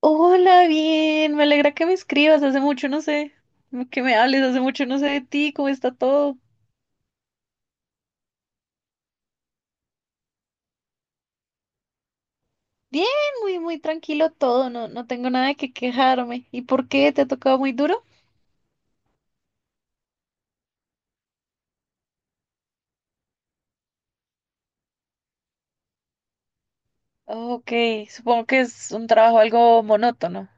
Hola, bien, me alegra que me escribas, hace mucho no sé, que me hables, hace mucho no sé de ti, ¿cómo está todo? Bien, muy, muy tranquilo todo, no tengo nada de qué quejarme. ¿Y por qué? ¿Te ha tocado muy duro? Ok, supongo que es un trabajo algo monótono.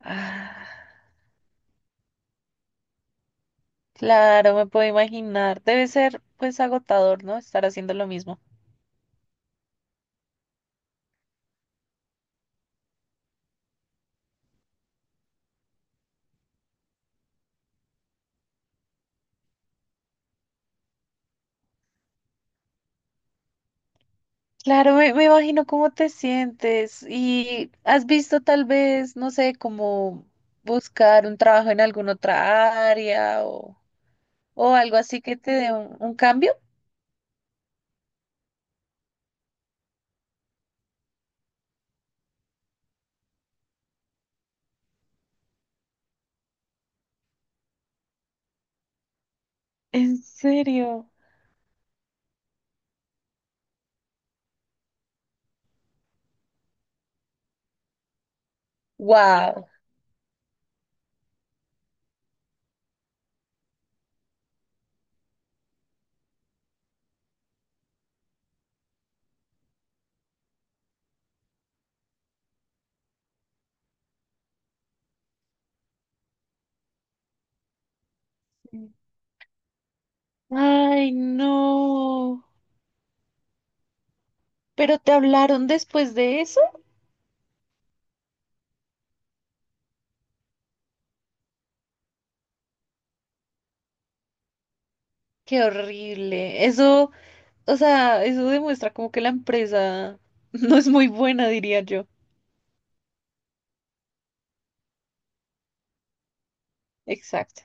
Ah, claro, me puedo imaginar, debe ser pues agotador, ¿no? Estar haciendo lo mismo. Claro, me imagino cómo te sientes y has visto tal vez, no sé, como buscar un trabajo en alguna otra área o algo así que te dé un cambio. ¿En serio? Wow. Sí. Ay, no. ¿Pero te hablaron después de eso? Qué horrible. Eso, o sea, eso demuestra como que la empresa no es muy buena, diría yo. Exacto.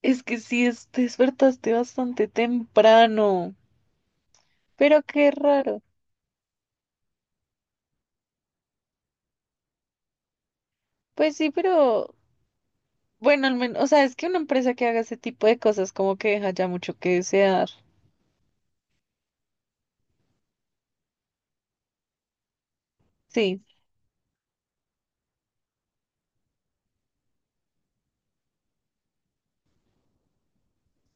Es que sí, te despertaste bastante temprano. Pero qué raro. Pues sí, pero bueno, al menos, o sea, es que una empresa que haga ese tipo de cosas como que deja ya mucho que desear. Sí,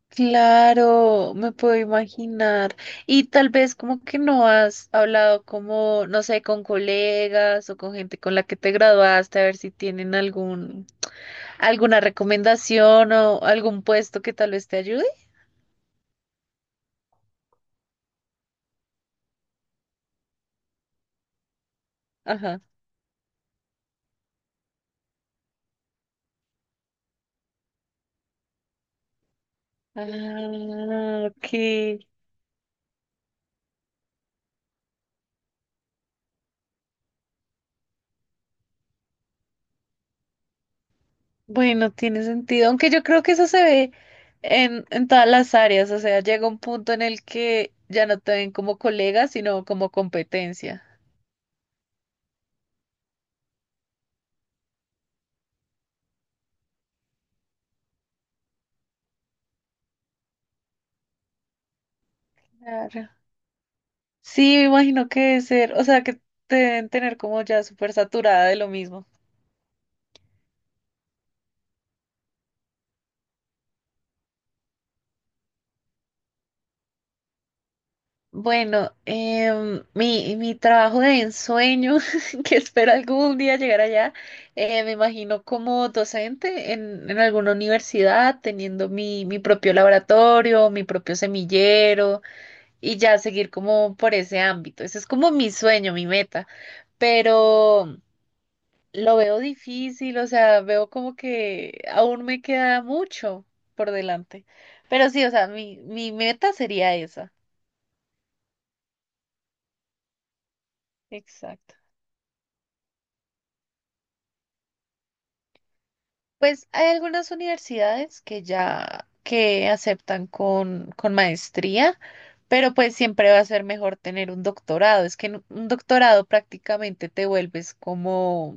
claro, me puedo imaginar. Y tal vez como que no has hablado como, no sé, con colegas o con gente con la que te graduaste, a ver si tienen alguna recomendación o algún puesto que tal vez te ayude. Ajá. Ah, ok. Bueno, tiene sentido, aunque yo creo que eso se ve en todas las áreas, o sea, llega un punto en el que ya no te ven como colega, sino como competencia. Claro. Sí, me imagino que debe ser, o sea, que te deben tener como ya súper saturada de lo mismo. Bueno, mi trabajo de ensueño, que espero algún día llegar allá, me imagino como docente en alguna universidad, teniendo mi propio laboratorio, mi propio semillero y ya seguir como por ese ámbito. Ese es como mi sueño, mi meta, pero lo veo difícil, o sea, veo como que aún me queda mucho por delante. Pero sí, o sea, mi meta sería esa. Exacto. Pues hay algunas universidades que ya que aceptan con maestría, pero pues siempre va a ser mejor tener un doctorado. Es que en un doctorado prácticamente te vuelves como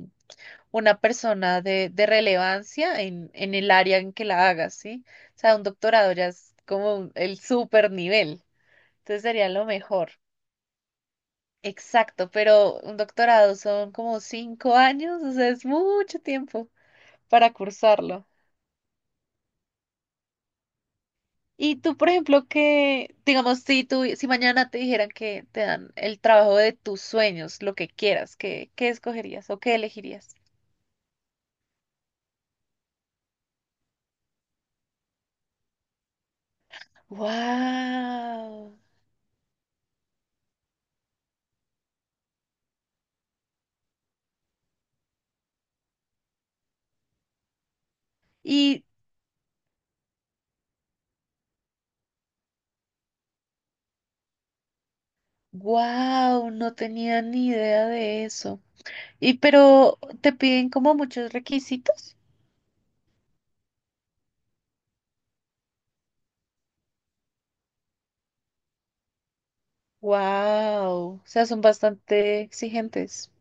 una persona de relevancia en el área en que la hagas, ¿sí? O sea, un doctorado ya es como el super nivel, entonces sería lo mejor. Exacto, pero un doctorado son como cinco años, o sea, es mucho tiempo para cursarlo. Y tú, por ejemplo, que, digamos, si tú, si mañana te dijeran que te dan el trabajo de tus sueños, lo que quieras, qué escogerías o qué elegirías? ¡Wow! Y wow, no tenía ni idea de eso. Y pero te piden como muchos requisitos. Wow, o sea, son bastante exigentes.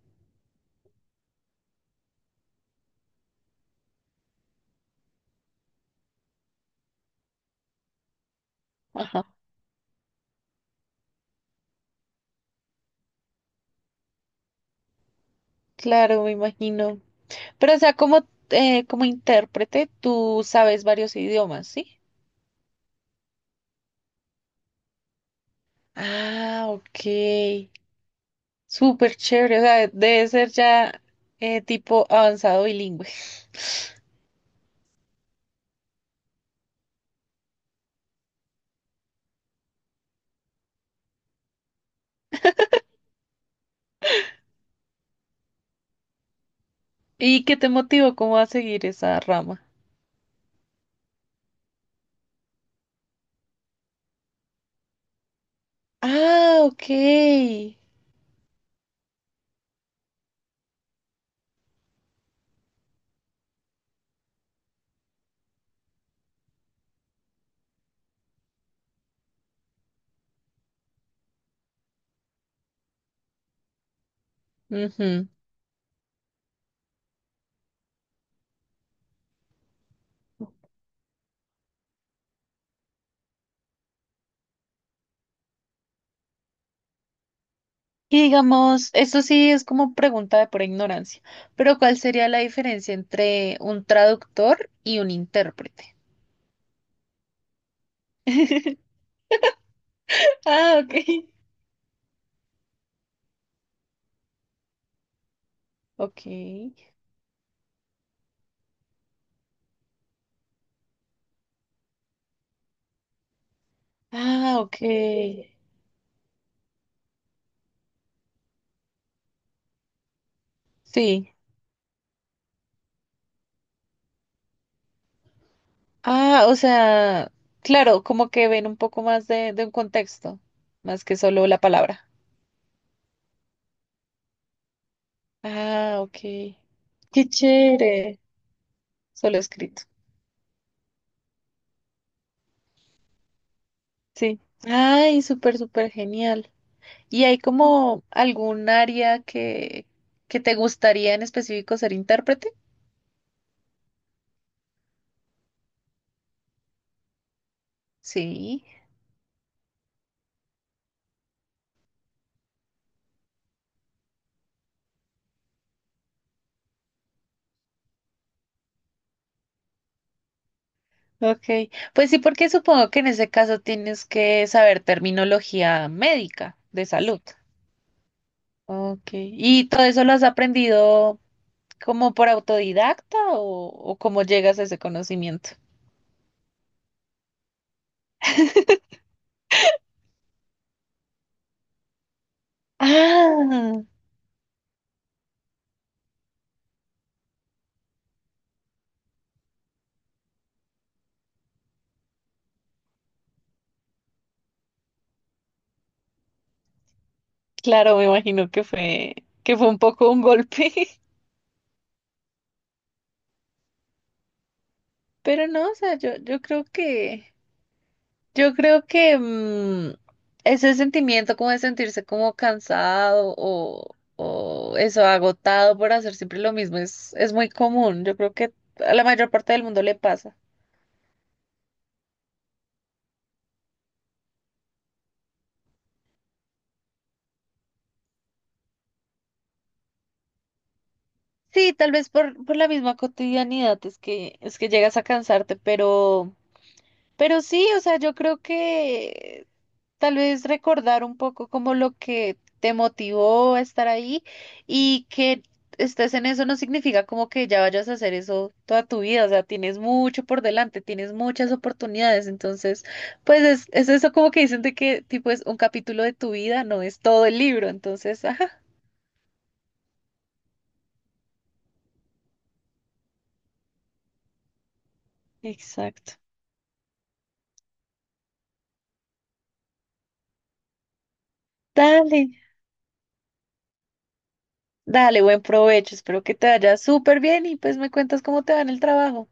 Ajá. Claro, me imagino. Pero o sea, como como intérprete, tú sabes varios idiomas, ¿sí? Ah, ok. Súper chévere. O sea, debe ser ya tipo avanzado bilingüe. ¿Y qué te motivó como a seguir esa rama? Ah, ok. Ujú. Y digamos, eso sí es como pregunta de por ignorancia, pero ¿cuál sería la diferencia entre un traductor y un intérprete? Ah, ok. Ok. Ah, ok. Sí. Ah, o sea, claro, como que ven un poco más de un contexto, más que solo la palabra. Ah, ok. Qué chévere. Solo escrito. Sí. Ay, súper, súper genial. ¿Y hay como algún área que te gustaría en específico ser intérprete? Sí, ok. Pues sí, porque supongo que en ese caso tienes que saber terminología médica de salud. Ok. ¿Y todo eso lo has aprendido como por autodidacta o cómo llegas a ese conocimiento? Ah, claro, me imagino que fue un poco un golpe. Pero no, o sea, yo creo que yo creo que ese sentimiento como de sentirse como cansado o eso, agotado por hacer siempre lo mismo, es muy común. Yo creo que a la mayor parte del mundo le pasa. Sí, tal vez por la misma cotidianidad es que llegas a cansarte, pero sí, o sea, yo creo que tal vez recordar un poco como lo que te motivó a estar ahí y que estés en eso no significa como que ya vayas a hacer eso toda tu vida, o sea, tienes mucho por delante, tienes muchas oportunidades, entonces, pues es eso como que dicen de que tipo es un capítulo de tu vida, no es todo el libro, entonces, ajá, exacto. Dale, dale, buen provecho, espero que te vaya súper bien y pues me cuentas cómo te va en el trabajo.